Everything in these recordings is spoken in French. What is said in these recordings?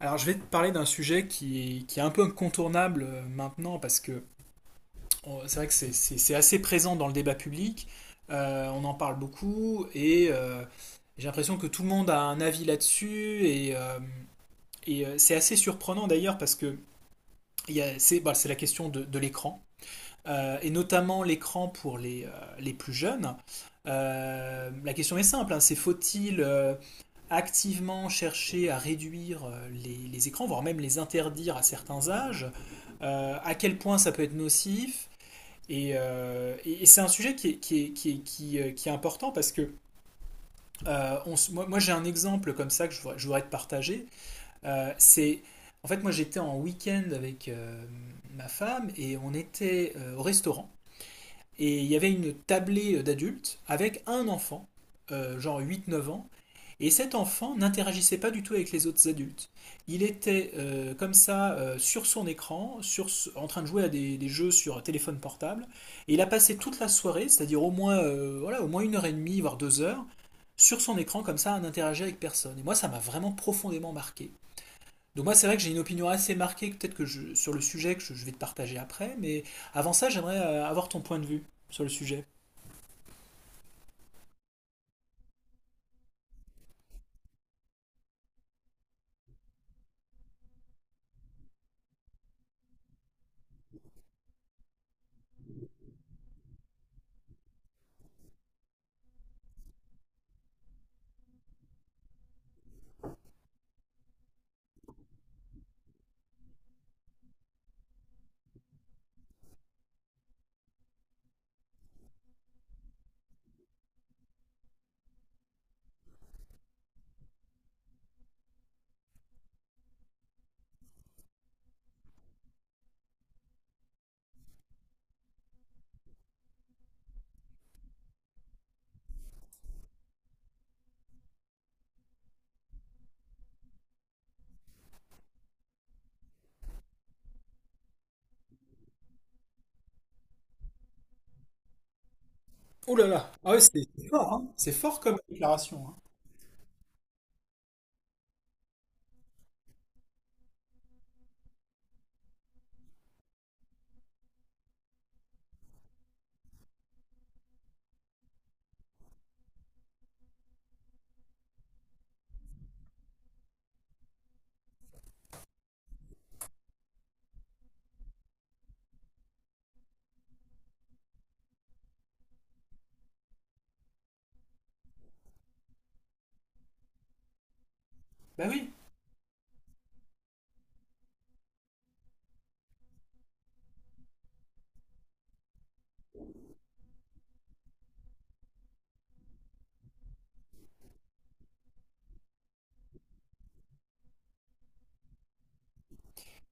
Alors, je vais te parler d'un sujet qui est un peu incontournable maintenant parce que c'est vrai que c'est assez présent dans le débat public. On en parle beaucoup et j'ai l'impression que tout le monde a un avis là-dessus et, c'est assez surprenant d'ailleurs parce que il y a- c'est bah, c'est la question de l'écran et notamment l'écran pour les plus jeunes. La question est simple, hein, c'est faut-il activement chercher à réduire les écrans, voire même les interdire à certains âges, à quel point ça peut être nocif. Et c'est un sujet qui est, qui est- qui est- qui est important parce que j'ai un exemple comme ça que je voudrais te partager. C'est En fait, moi j'étais en week-end avec ma femme et on était au restaurant, et il y avait une tablée d'adultes avec un enfant, genre 8 9 ans, et cet enfant n'interagissait pas du tout avec les autres adultes. Il était comme ça sur son écran, en train de jouer à des jeux sur téléphone portable, et il a passé toute la soirée, c'est-à-dire au moins, voilà, au moins une heure et demie, voire 2 heures, sur son écran comme ça à n'interagir avec personne. Et moi, ça m'a vraiment profondément marqué. Donc moi, c'est vrai que j'ai une opinion assez marquée, sur le sujet que je vais te partager après, mais avant ça, j'aimerais avoir ton point de vue sur le sujet. Oh là là. Ah ouais, c'est fort, hein. C'est fort comme déclaration, hein. Bah oui.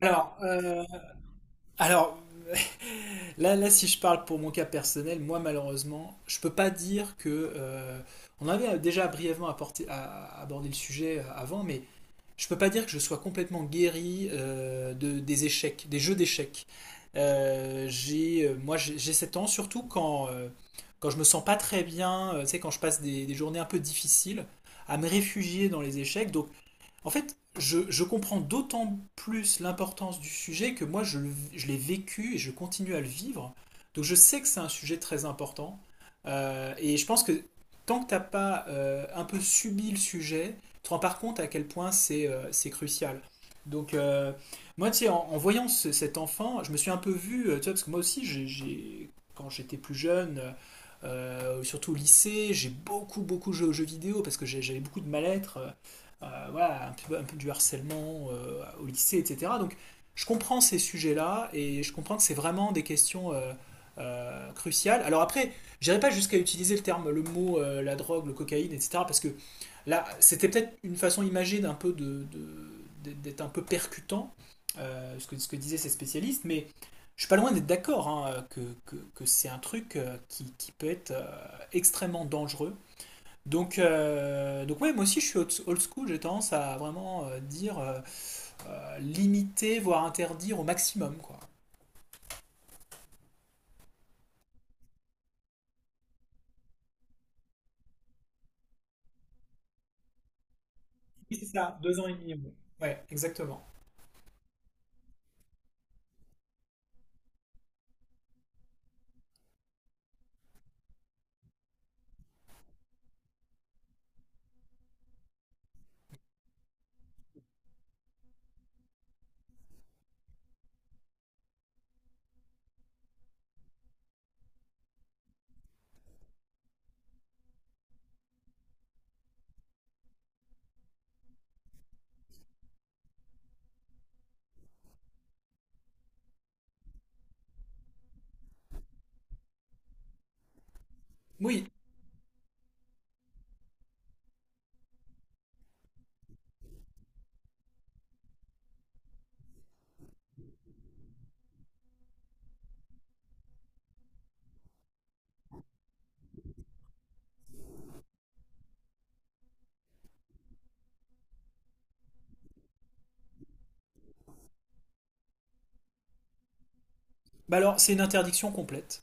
Alors, euh, alors, là, si je parle pour mon cas personnel, moi, malheureusement, je peux pas dire que. On avait déjà brièvement abordé le sujet avant, mais je peux pas dire que je sois complètement guéri des jeux d'échecs. Moi, j'ai 7 ans, surtout quand je me sens pas très bien, tu sais, quand je passe des journées un peu difficiles, à me réfugier dans les échecs. Donc, en fait, je comprends d'autant plus l'importance du sujet que moi, je l'ai vécu et je continue à le vivre. Donc, je sais que c'est un sujet très important. Et je pense que tant que t'as pas un peu subi le sujet, tu te rends pas compte à quel point c'est crucial. Donc, moi, tu sais, en voyant cet enfant, je me suis un peu vu, tu vois, parce que moi aussi, quand j'étais plus jeune, surtout au lycée, j'ai beaucoup, beaucoup joué aux jeux vidéo parce que j'avais beaucoup de mal-être. Voilà, un peu du harcèlement au lycée, etc. Donc je comprends ces sujets-là et je comprends que c'est vraiment des questions cruciales. Alors après, j'irai pas jusqu'à utiliser le terme, le mot, la drogue, le cocaïne, etc. Parce que là, c'était peut-être une façon imagée d'un peu d'être un peu percutant, ce que disaient ces spécialistes, mais je suis pas loin d'être d'accord, hein, que c'est un truc qui peut être extrêmement dangereux. Donc, ouais, moi aussi je suis old school, j'ai tendance à vraiment dire limiter, voire interdire au maximum, quoi. Oui, c'est ça, 2 ans et demi. Ouais, exactement. Oui, bah alors c'est une interdiction complète.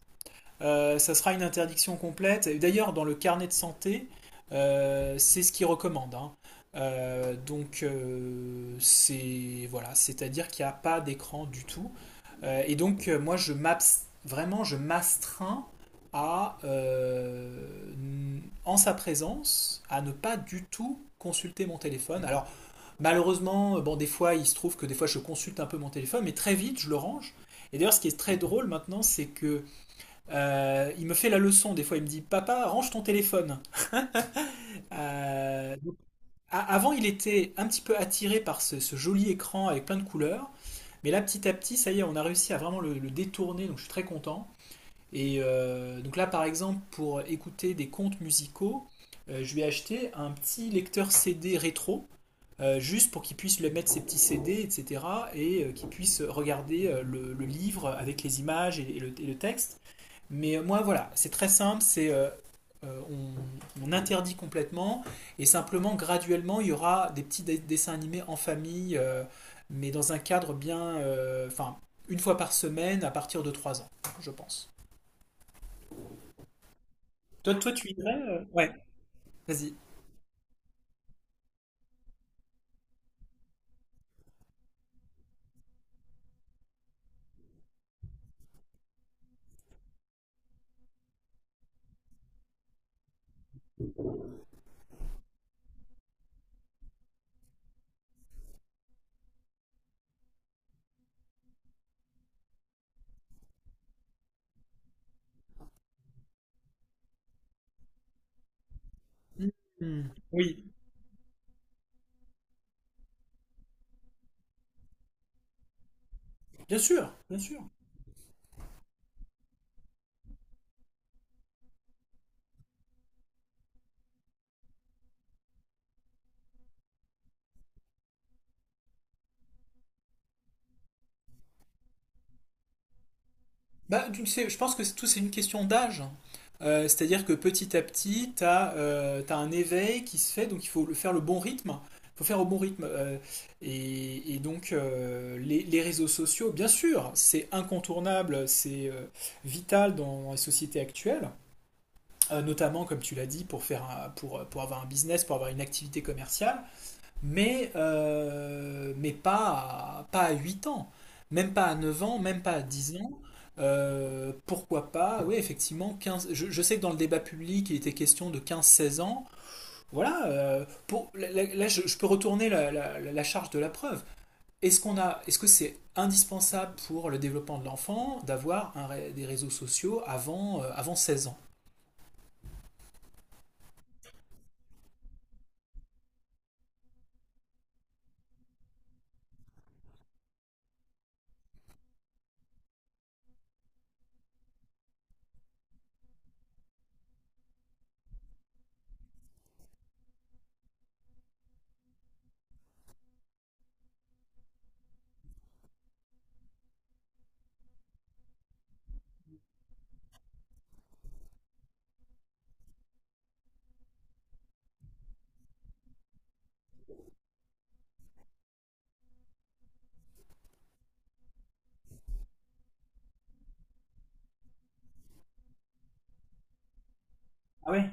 Ça sera une interdiction complète. Et d'ailleurs, dans le carnet de santé, c'est ce qu'ils recommandent, hein. Donc, c'est voilà, c'est-à-dire qu'il n'y a pas d'écran du tout. Et donc, moi, vraiment, je m'astreins à, en sa présence, à ne pas du tout consulter mon téléphone. Alors, malheureusement, bon, des fois, il se trouve que des fois, je consulte un peu mon téléphone, mais très vite, je le range. Et d'ailleurs, ce qui est très drôle maintenant, c'est que il me fait la leçon, des fois il me dit : « Papa, range ton téléphone. » Euh, donc, Avant il était un petit peu attiré par ce joli écran avec plein de couleurs, mais là petit à petit, ça y est, on a réussi à vraiment le détourner, donc je suis très content. Et donc là par exemple, pour écouter des contes musicaux, je lui ai acheté un petit lecteur CD rétro, juste pour qu'il puisse lui mettre ses petits CD, etc. et cetera, et qu'il puisse regarder le livre avec les images et le texte. Mais moi, voilà, c'est très simple, c'est euh, on, on interdit complètement et simplement graduellement il y aura des petits dessins animés en famille, mais dans un cadre bien, enfin une fois par semaine à partir de 3 ans, je pense. Toi, toi, tu irais, ouais, vas-y. Hmm. Oui, bien sûr, bien sûr. Bah, tu le sais, je pense que tout c'est une question d'âge. C'est-à-dire que petit à petit, tu as un éveil qui se fait, donc il faut le faire le bon rythme. Il faut faire au bon rythme. Et donc, les réseaux sociaux, bien sûr, c'est incontournable, c'est vital dans les sociétés actuelles, notamment, comme tu l'as dit, pour avoir un business, pour avoir une activité commerciale, mais pas à 8 ans, même pas à 9 ans, même pas à 10 ans. Pourquoi pas, oui, effectivement, 15. Je sais que dans le débat public, il était question de 15, 16 ans. Voilà, là, je peux retourner la charge de la preuve. Est-ce que c'est indispensable pour le développement de l'enfant d'avoir des réseaux sociaux avant 16 ans? Ah ouais?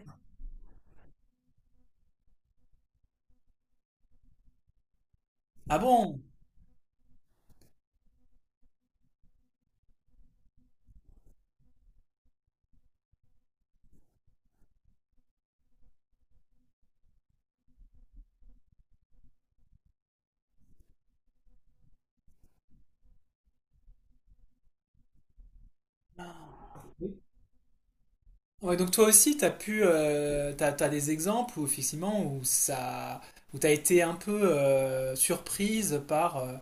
Ah bon? Ouais, donc toi aussi, t'as des exemples où effectivement où t'as été un peu surprise par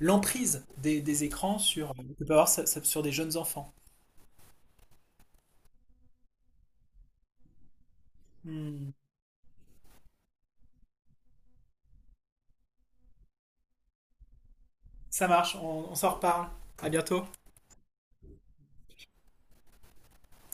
l'emprise des écrans que peut avoir sur des jeunes enfants. Hmm. Ça marche, on s'en reparle. À bientôt.